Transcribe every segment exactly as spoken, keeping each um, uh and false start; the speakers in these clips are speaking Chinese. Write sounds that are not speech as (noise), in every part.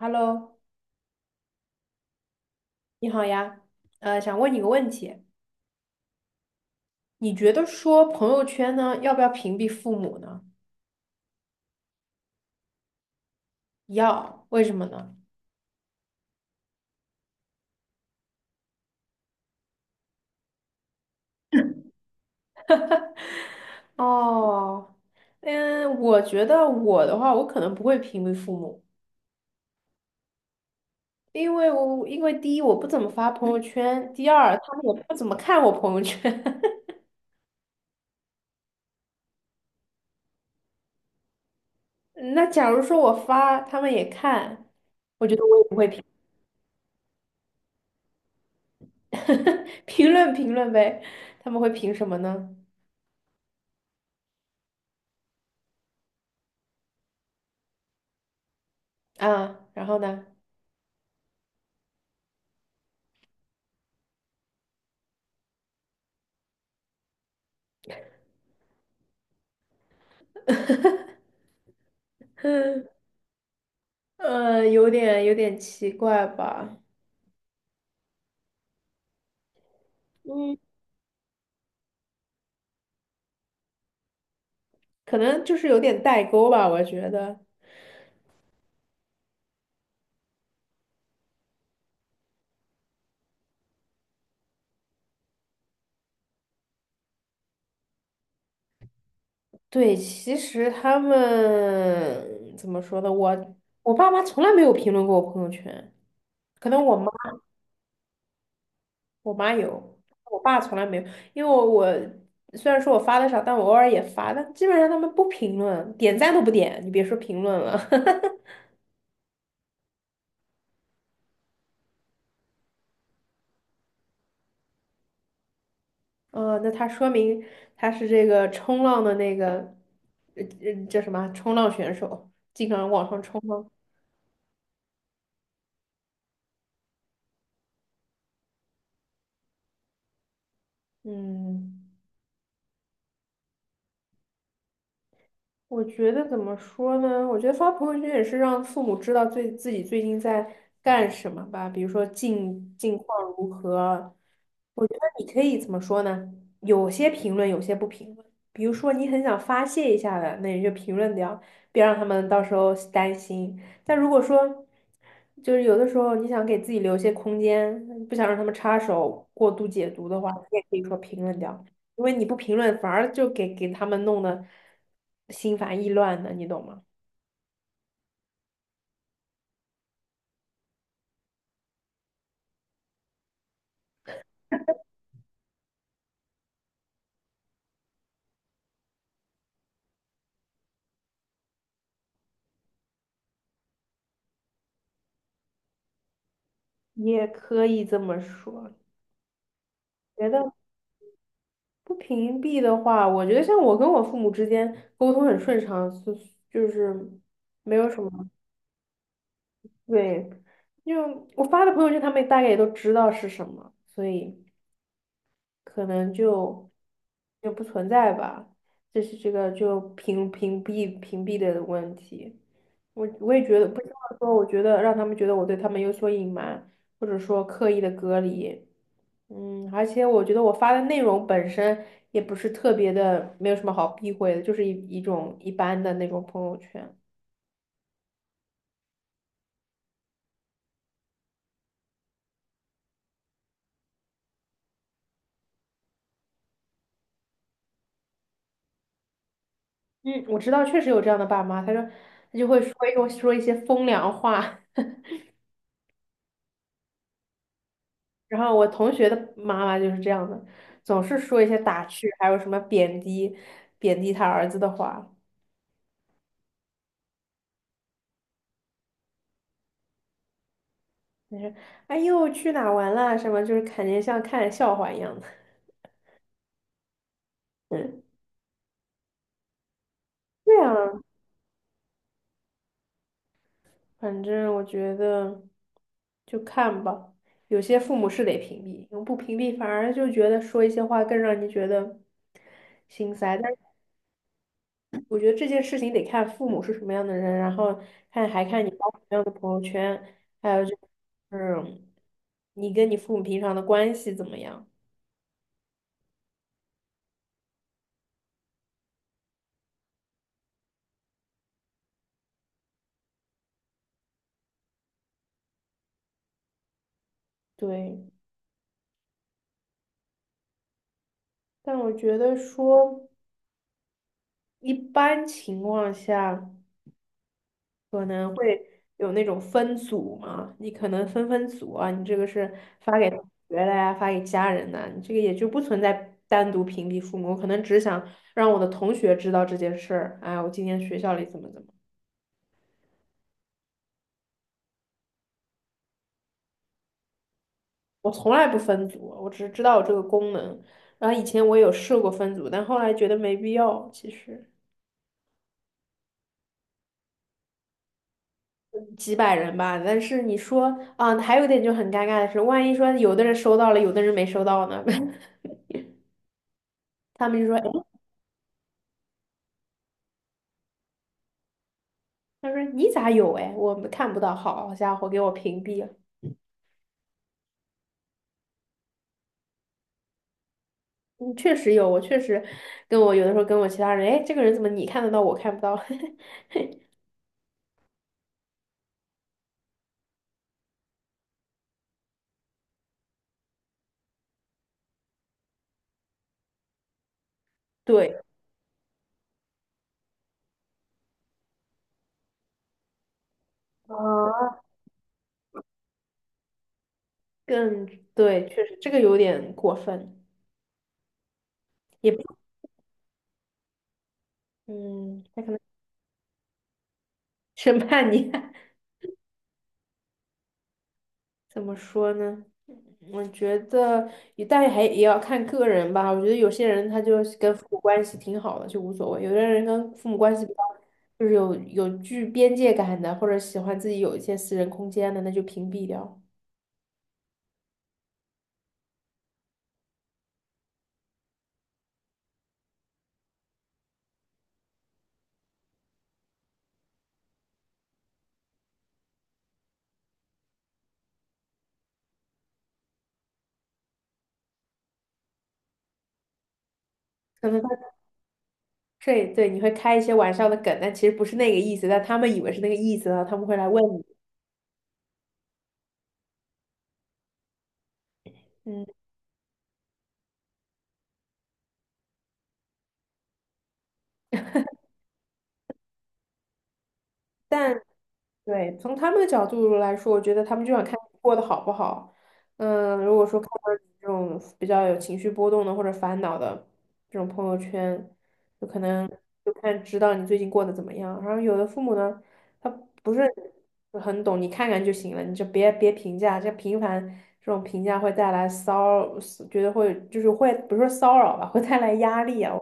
Hello，你好呀，呃，想问你个问题，你觉得说朋友圈呢，要不要屏蔽父母呢？要，为什么呢？哦，嗯，我觉得我的话，我可能不会屏蔽父母，因为我因为第一我不怎么发朋友圈，第二他们也不怎么看我朋友圈。(laughs) 那假如说我发，他们也看，我觉得我也不会评 (laughs) 评论评论呗，他们会评什么呢？啊，然后呢？(laughs) 呃，有点有点奇怪吧，嗯，可能就是有点代沟吧，我觉得。对，其实他们怎么说呢？我我爸妈从来没有评论过我朋友圈，可能我妈我妈有，我爸从来没有，因为我我虽然说我发的少，但我偶尔也发，但基本上他们不评论，点赞都不点，你别说评论了。(laughs) 呃，那他说明他是这个冲浪的那个，呃呃，叫什么啊？冲浪选手，经常往上冲吗？嗯。我觉得怎么说呢？我觉得发朋友圈也是让父母知道最自己最近在干什么吧，比如说近近况如何。我觉得你可以怎么说呢？有些评论，有些不评论。比如说你很想发泄一下的，那你就评论掉，别让他们到时候担心。但如果说，就是有的时候你想给自己留一些空间，不想让他们插手过度解读的话，你也可以说评论掉。因为你不评论，反而就给给他们弄得心烦意乱的，你懂吗？也可以这么说。觉得不屏蔽的话，我觉得像我跟我父母之间沟通很顺畅，是就是没有什么，对，因为我发的朋友圈，他们大概也都知道是什么，所以可能就就不存在吧，这是这个就屏屏蔽屏蔽的问题。我我也觉得不希望说，我觉得让他们觉得我对他们有所隐瞒，或者说刻意的隔离。嗯，而且我觉得我发的内容本身也不是特别的，没有什么好避讳的，就是一一种一般的那种朋友圈。嗯，我知道确实有这样的爸妈，他说他就会说一种说一些风凉话，(laughs) 然后我同学的妈妈就是这样的，总是说一些打趣，还有什么贬低贬低他儿子的话。就是哎呦去哪玩啦什么，就是肯定像看笑话一样的。嗯，对啊，反正我觉得就看吧，有些父母是得屏蔽，不屏蔽反而就觉得说一些话更让你觉得心塞。但是我觉得这件事情得看父母是什么样的人，然后看还看你发什么样的朋友圈，还有就是你跟你父母平常的关系怎么样。对，但我觉得说一般情况下。可能会有那种分组嘛，你可能分分组啊，你这个是发给同学的呀，发给家人的，你这个也就不存在单独屏蔽父母。我可能只想让我的同学知道这件事儿，哎，我今天学校里怎么怎么，我从来不分组，我只是知道我这个功能。然后以前我有试过分组，但后来觉得没必要，其实几百人吧。但是你说啊，还有一点就很尴尬的是，万一说有的人收到了，有的人没收到呢？(laughs) 他们就说。哎他说你咋有哎，我们看不到，好家伙，给我屏蔽了。嗯，确实有，我确实跟我有的时候跟我其他人，哎，这个人怎么你看得到，我看不到？(laughs) 对，啊，更对，确实这个有点过分，也不嗯，他可能审判你，(laughs) 怎么说呢？我觉得也，但是还也要看个人吧。我觉得有些人他就是跟父母关系挺好的，就无所谓；有的人跟父母关系比较，就是有有具边界感的，或者喜欢自己有一些私人空间的，那就屏蔽掉。可能他对对，你会开一些玩笑的梗，但其实不是那个意思，但他们以为是那个意思，然后他们会来问你。嗯，但。对，从他们的角度来说，我觉得他们就想看你过得好不好。嗯，如果说看到你这种比较有情绪波动的或者烦恼的这种朋友圈，就可能就看知道你最近过得怎么样。然后有的父母呢，他不是很懂，你看看就行了，你就别别评价，这频繁这种评价会带来骚，觉得会就是会不是说骚扰吧，会带来压力啊。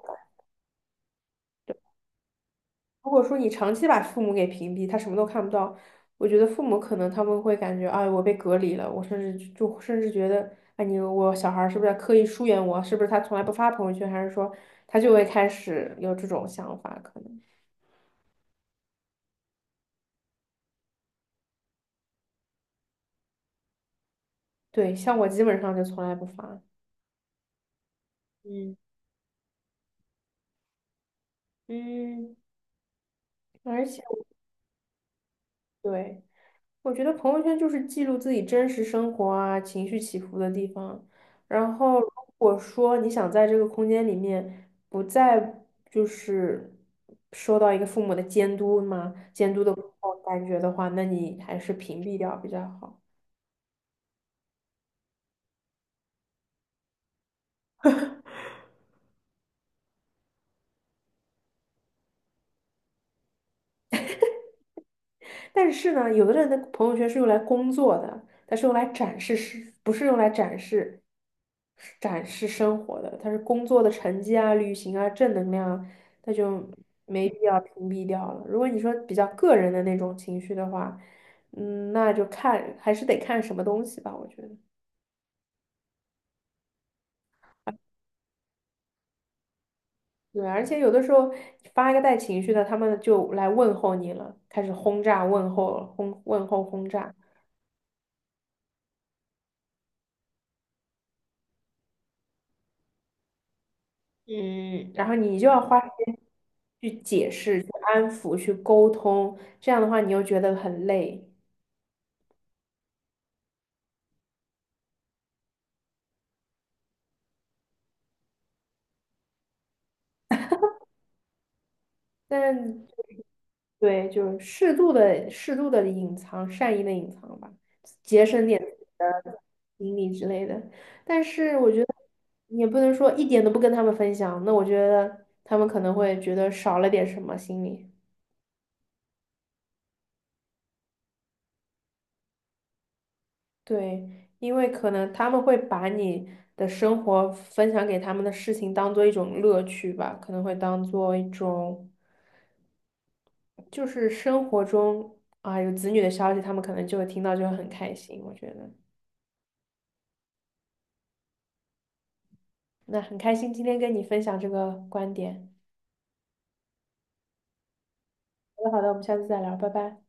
如果说你长期把父母给屏蔽，他什么都看不到，我觉得父母可能他们会感觉，哎，我被隔离了，我甚至就就甚至觉得，哎，你我小孩儿是不是在刻意疏远我？是不是他从来不发朋友圈？还是说他就会开始有这种想法？可能对，像我基本上就从来不发，嗯嗯，而且对。我觉得朋友圈就是记录自己真实生活啊、情绪起伏的地方。然后，如果说你想在这个空间里面不再就是受到一个父母的监督嘛、监督的感觉的话，那你还是屏蔽掉比较好。但是呢，有的人的朋友圈是用来工作的，它是用来展示，是不是用来展示展示生活的？它是工作的成绩啊、旅行啊、正能量啊，那就没必要屏蔽掉了。如果你说比较个人的那种情绪的话，嗯，那就看还是得看什么东西吧，我觉得。对，而且有的时候你发一个带情绪的，他们就来问候你了，开始轰炸问候，轰问候轰炸。嗯，然后你就要花时间去解释、去安抚、去沟通，这样的话你又觉得很累。但对，就是适度的、适度的隐藏，善意的隐藏吧，节省点自己的精力之类的。但是我觉得你也不能说一点都不跟他们分享，那我觉得他们可能会觉得少了点什么心理。对，因为可能他们会把你的生活分享给他们的事情当做一种乐趣吧，可能会当做一种，就是生活中啊有子女的消息，他们可能就会听到，就会很开心。我觉得，那很开心今天跟你分享这个观点。好的，好的，我们下次再聊，拜拜。